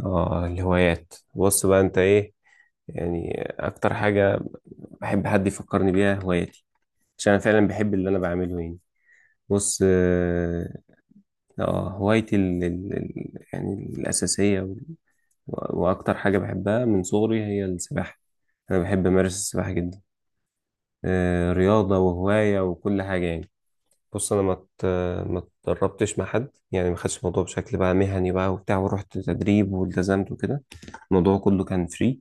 اه الهوايات، بص بقى، انت ايه يعني اكتر حاجة بحب حد يفكرني بيها؟ هوايتي، عشان انا فعلا بحب اللي انا بعمله يعني. بص. هوايتي ال ال ال يعني الاساسية واكتر حاجة بحبها من صغري هي السباحة. انا بحب امارس السباحة جدا. آه، رياضة وهواية وكل حاجة يعني. بص، انا ما اتدربتش مع حد يعني، ما خدتش الموضوع بشكل بقى مهني بقى وبتاع ورحت تدريب والتزمت وكده. الموضوع كله كان فري،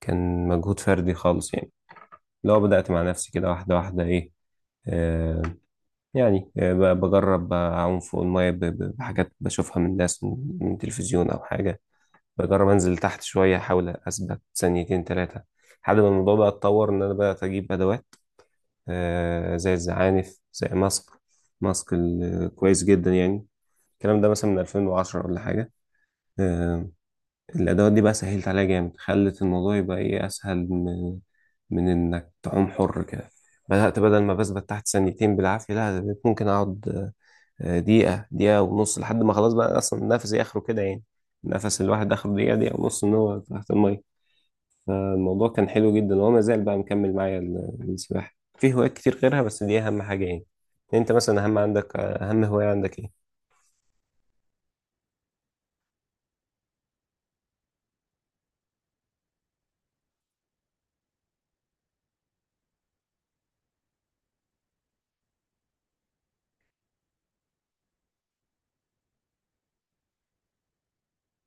كان مجهود فردي خالص يعني. لو بدأت مع نفسي كده واحدة واحدة إيه، آه، يعني بجرب أعوم فوق المية بحاجات بشوفها من ناس، من تلفزيون أو حاجة. بجرب أنزل تحت شوية، أحاول أثبت ثانيتين تلاتة، لحد ما الموضوع بقى اتطور إن أنا بقى أجيب أدوات. آه، زي الزعانف، زي ماسك. كويس جدا يعني. الكلام ده مثلا من 2010 ولا حاجة. آه، الأدوات دي بقى سهلت عليها جامد، خلت الموضوع يبقى إيه، أسهل من إنك تعوم حر كده. بدأت، بدل ما بثبت تحت ثانيتين بالعافية، لا ده بقيت ممكن أقعد آه، دقيقة، دقيقة ونص، لحد ما خلاص بقى أصلا نفسي آخره كده يعني. نفس الواحد آخره دقيقة، دقيقة ونص إن هو تحت المية. فالموضوع كان حلو جدا، وهو ما زال بقى مكمل معايا السباحة. في هوايات كتير غيرها بس دي أهم حاجة يعني. أنت مثلا أهم عندك، أهم هواية عندك إيه؟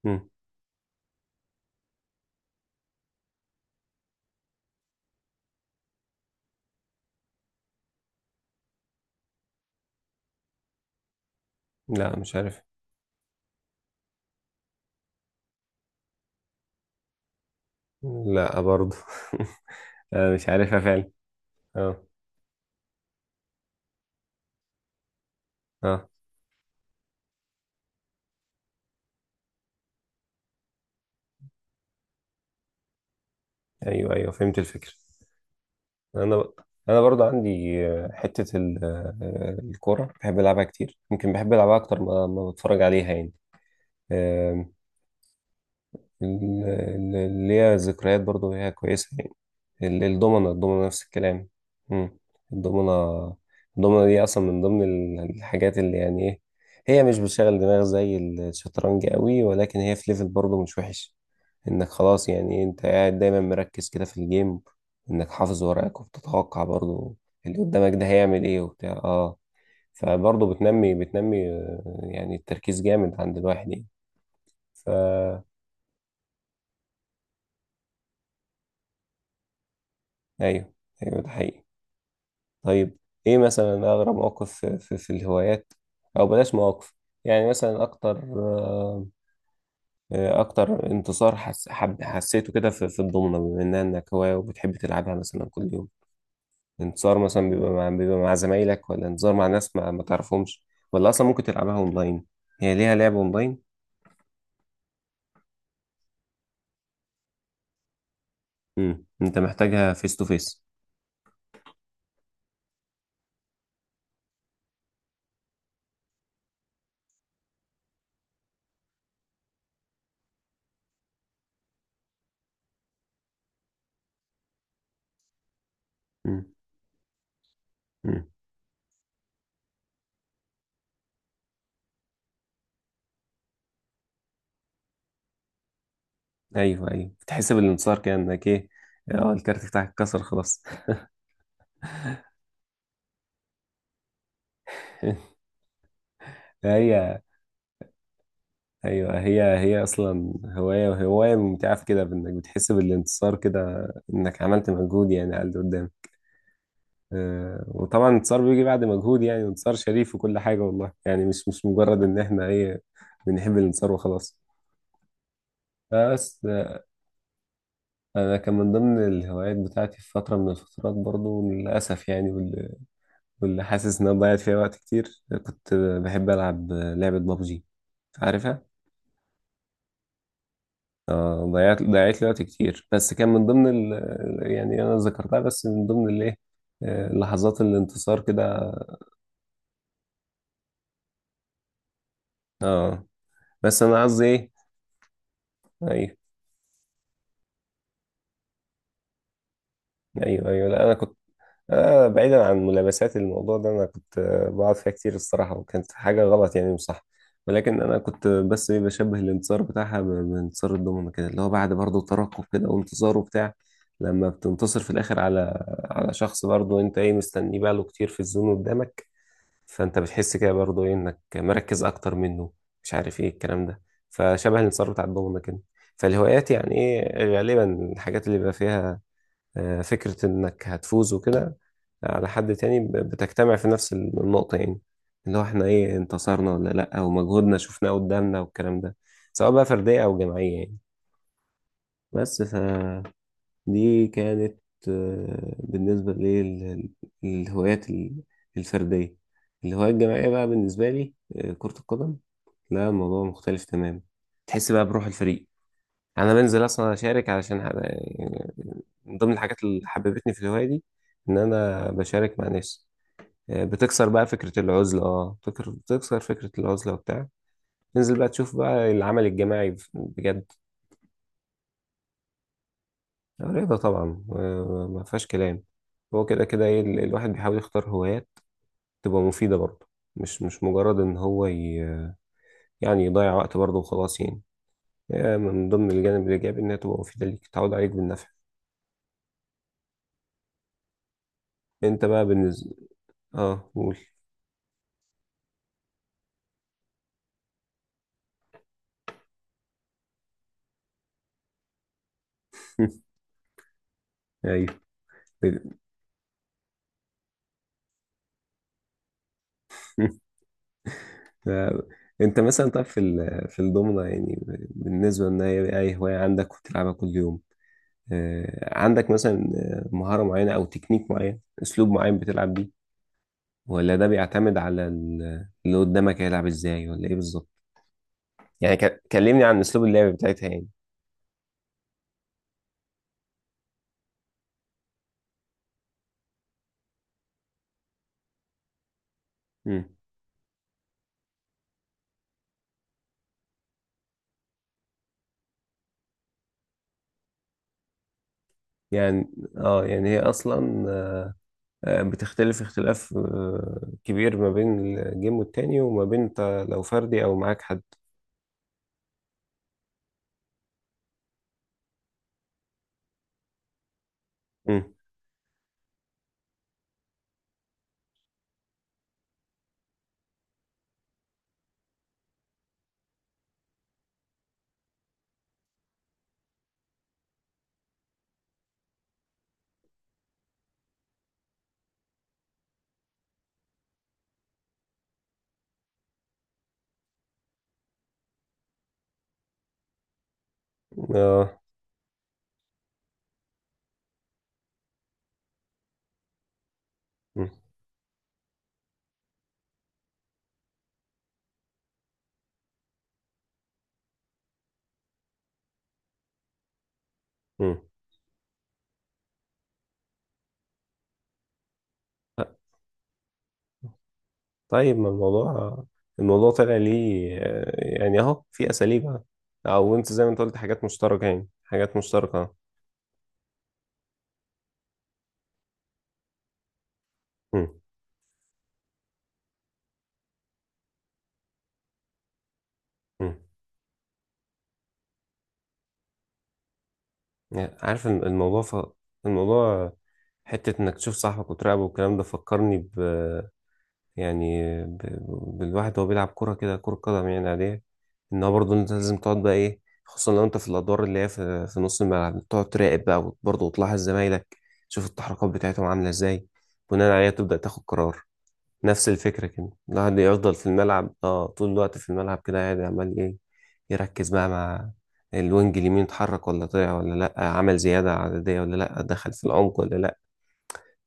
مم. لا مش عارف. لا برضه. آه، مش عارفها فعلا. اه. اه. ايوه، ايوه، فهمت الفكره. انا ب... انا برضه عندي آه، حته ال... آه، الكوره بحب العبها كتير، يمكن بحب العبها اكتر ما بتفرج عليها يعني. اللي هي ذكريات برضو هي كويسة يعني. الضمنة نفس الكلام. مم. الضمنة. الضمنة دي أصلا من ضمن الحاجات اللي يعني إيه، هي مش بتشغل دماغ زي الشطرنج قوي، ولكن هي في ليفل برضو مش وحش. إنك خلاص يعني إيه، أنت قاعد دايما مركز كده في الجيم، إنك حافظ ورقك وبتتوقع برضو اللي قدامك ده هيعمل إيه وبتاع آه. فبرضو بتنمي آه، يعني التركيز جامد عند الواحد يعني. ف، أيوه، أيوه، ده حقيقي. طيب، ايه مثلا اغرب موقف في الهوايات، او بلاش مواقف، يعني مثلا اكتر آه، آه، اكتر انتصار حس حب حسيته كده في الضمنة، بما انها انك هواية وبتحب تلعبها مثلا كل يوم. انتصار مثلا بيبقى مع زمايلك، ولا انتصار مع ناس ما تعرفهمش، ولا اصلا ممكن تلعبها اونلاين؟ هي ليها لعب اونلاين؟ امم، انت محتاجها فيس تو فيس. امم. امم. ايوه، ايوه، تحس بالانتصار كانك ايه. اه، الكارت بتاعك اتكسر خلاص. هي، ايوه، هي هي اصلا هوايه، وهوايه ممتعه في كده بانك بتحس بالانتصار كده، انك عملت مجهود يعني على اللي قدام. آه، وطبعا الانتصار بيجي بعد مجهود يعني، انتصار شريف وكل حاجه، والله يعني، مش مجرد ان احنا ايه، بنحب الانتصار وخلاص. بس آه، انا كان من ضمن الهوايات بتاعتي في فتره من الفترات برضو للاسف يعني، واللي حاسس ان انا ضيعت فيها وقت كتير، كنت بحب العب لعبه بابجي، عارفها. ضيعت لي وقت كتير، بس كان من ضمن ال... يعني انا ذكرتها بس من ضمن الايه، آه، لحظات الانتصار كده. اه. بس انا قصدي ايه. ايوه ايوه ايوه، لا انا كنت آه، بعيدا عن ملابسات الموضوع ده، انا كنت آه، بقعد فيها كتير الصراحه، وكانت حاجه غلط يعني مش صح، ولكن انا كنت بس ايه، بشبه الانتصار بتاعها بانتصار الضمنه كده، اللي هو بعد برضه ترقب كده وانتصار وبتاع. لما بتنتصر في الاخر على، على شخص برضه، انت ايه، مستنيه بقاله كتير في الزون قدامك، فانت بتحس كده برضه ايه انك مركز اكتر منه، مش عارف ايه الكلام ده. فشبه الانتصار بتاع الضغمه كده. فالهوايات يعني ايه، غالبا الحاجات اللي بيبقى فيها آه، فكره انك هتفوز وكده على حد تاني، بتجتمع في نفس النقطه يعني، اللي هو احنا ايه، انتصرنا ولا لا، ومجهودنا شفناه قدامنا والكلام ده، سواء بقى فرديه او جماعيه يعني. بس ف، دي كانت آه، بالنسبة لي الهوايات الفردية. الهواية الجماعية بقى بالنسبة لي آه، كرة القدم، لا الموضوع مختلف تماما. تحس بقى بروح الفريق، أنا بنزل أصلا أشارك علشان يعني، من ضمن الحاجات اللي حببتني في الهواية دي إن أنا بشارك مع ناس. آه، بتكسر بقى فكرة العزلة، اه، بتكسر فكرة العزلة وبتاع، تنزل بقى تشوف بقى العمل الجماعي بجد. رياضة طبعا آه، ما فيهاش كلام. هو كده كده ايه، الواحد بيحاول يختار هوايات تبقى مفيدة برضه، مش مجرد ان هو ي... يعني يضيع وقت برضه وخلاص يعني. آه، من ضمن الجانب الايجابي، انها تبقى مفيدة ليك، تعود عليك بالنفع. انت بقى بالنسبة. اه، قول. ايوه. آه، انت مثلا، طب في ال... في الضمنة يعني، بالنسبة ان هي اي هواية عندك وتلعبها كل يوم، آه، عندك مثلا آه، مهارة معينة او تكنيك معين، اسلوب معين بتلعب بيه، ولا ده بيعتمد على اللي قدامك هيلعب ازاي، ولا ايه بالظبط؟ يعني، كلمني عن اسلوب اللعب بتاعتها يعني. مم. يعني، اه، يعني هي اصلا آه، بتختلف اختلاف آه، كبير ما بين الجيم والتاني، وما بين انت لو فردي او معاك حد. مم. اه. مم. مم. طيب، ما الموضوع، الموضوع طلع ليه آه، يعني اهو في اساليب أهو. او انت زي ما انت قلت، حاجات مشتركة، يعني حاجات مشتركة. مم. مم. يعني عارف الموضوع ف... الموضوع حتة إنك تشوف صاحبك وتراقبه والكلام ده، فكرني ب، يعني ب... بالواحد وهو بيلعب كورة كده، كورة قدم يعني عادية. إن هو برضه، أنت لازم تقعد بقى إيه، خصوصا لو أنت في الأدوار اللي هي في نص الملعب، تقعد تراقب بقى، وبرضه وتلاحظ زمايلك، تشوف التحركات بتاعتهم عاملة إزاي، بناء عليها تبدأ تاخد قرار. نفس الفكرة كده، الواحد يفضل في الملعب اه طول الوقت في الملعب كده قاعد عمال ايه، يركز بقى مع الوينج اليمين، اتحرك ولا طلع ولا لأ، عمل زيادة عددية ولا لأ، دخل في العمق ولا لأ،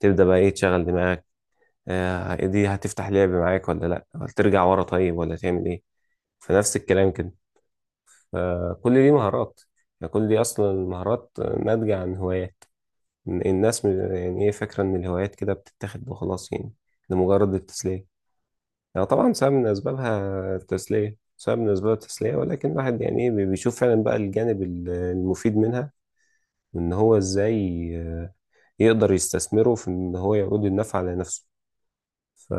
تبدأ بقى ايه تشغل دماغك. آه، دي هتفتح لعب معاك ولا لأ، ولا ترجع ورا طيب، ولا تعمل ايه. فنفس الكلام كده. فكل دي مهارات، يعني كل دي أصلا مهارات ناتجة عن هوايات الناس. يعني ايه، فاكرة إن الهوايات كده بتتاخد وخلاص يعني، لمجرد التسلية. يعني طبعا سبب من أسبابها التسلية، سبب من أسباب التسلية، ولكن الواحد يعني إيه بيشوف فعلا بقى الجانب المفيد منها، إن هو إزاي آه، يقدر يستثمره في إن هو يعود النفع على نفسه. ف...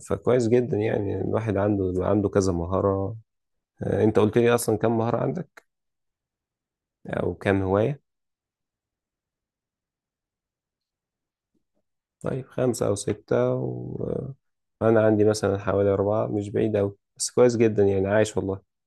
فكويس جدا يعني، الواحد عنده كذا مهارة. آه، أنت قلت لي أصلا كم مهارة عندك، أو كم هواية؟ طيب، 5 أو 6 و... آه، أنا عندي مثلا حوالي 4، مش بعيد أوي، بس كويس جدا يعني، عايش والله.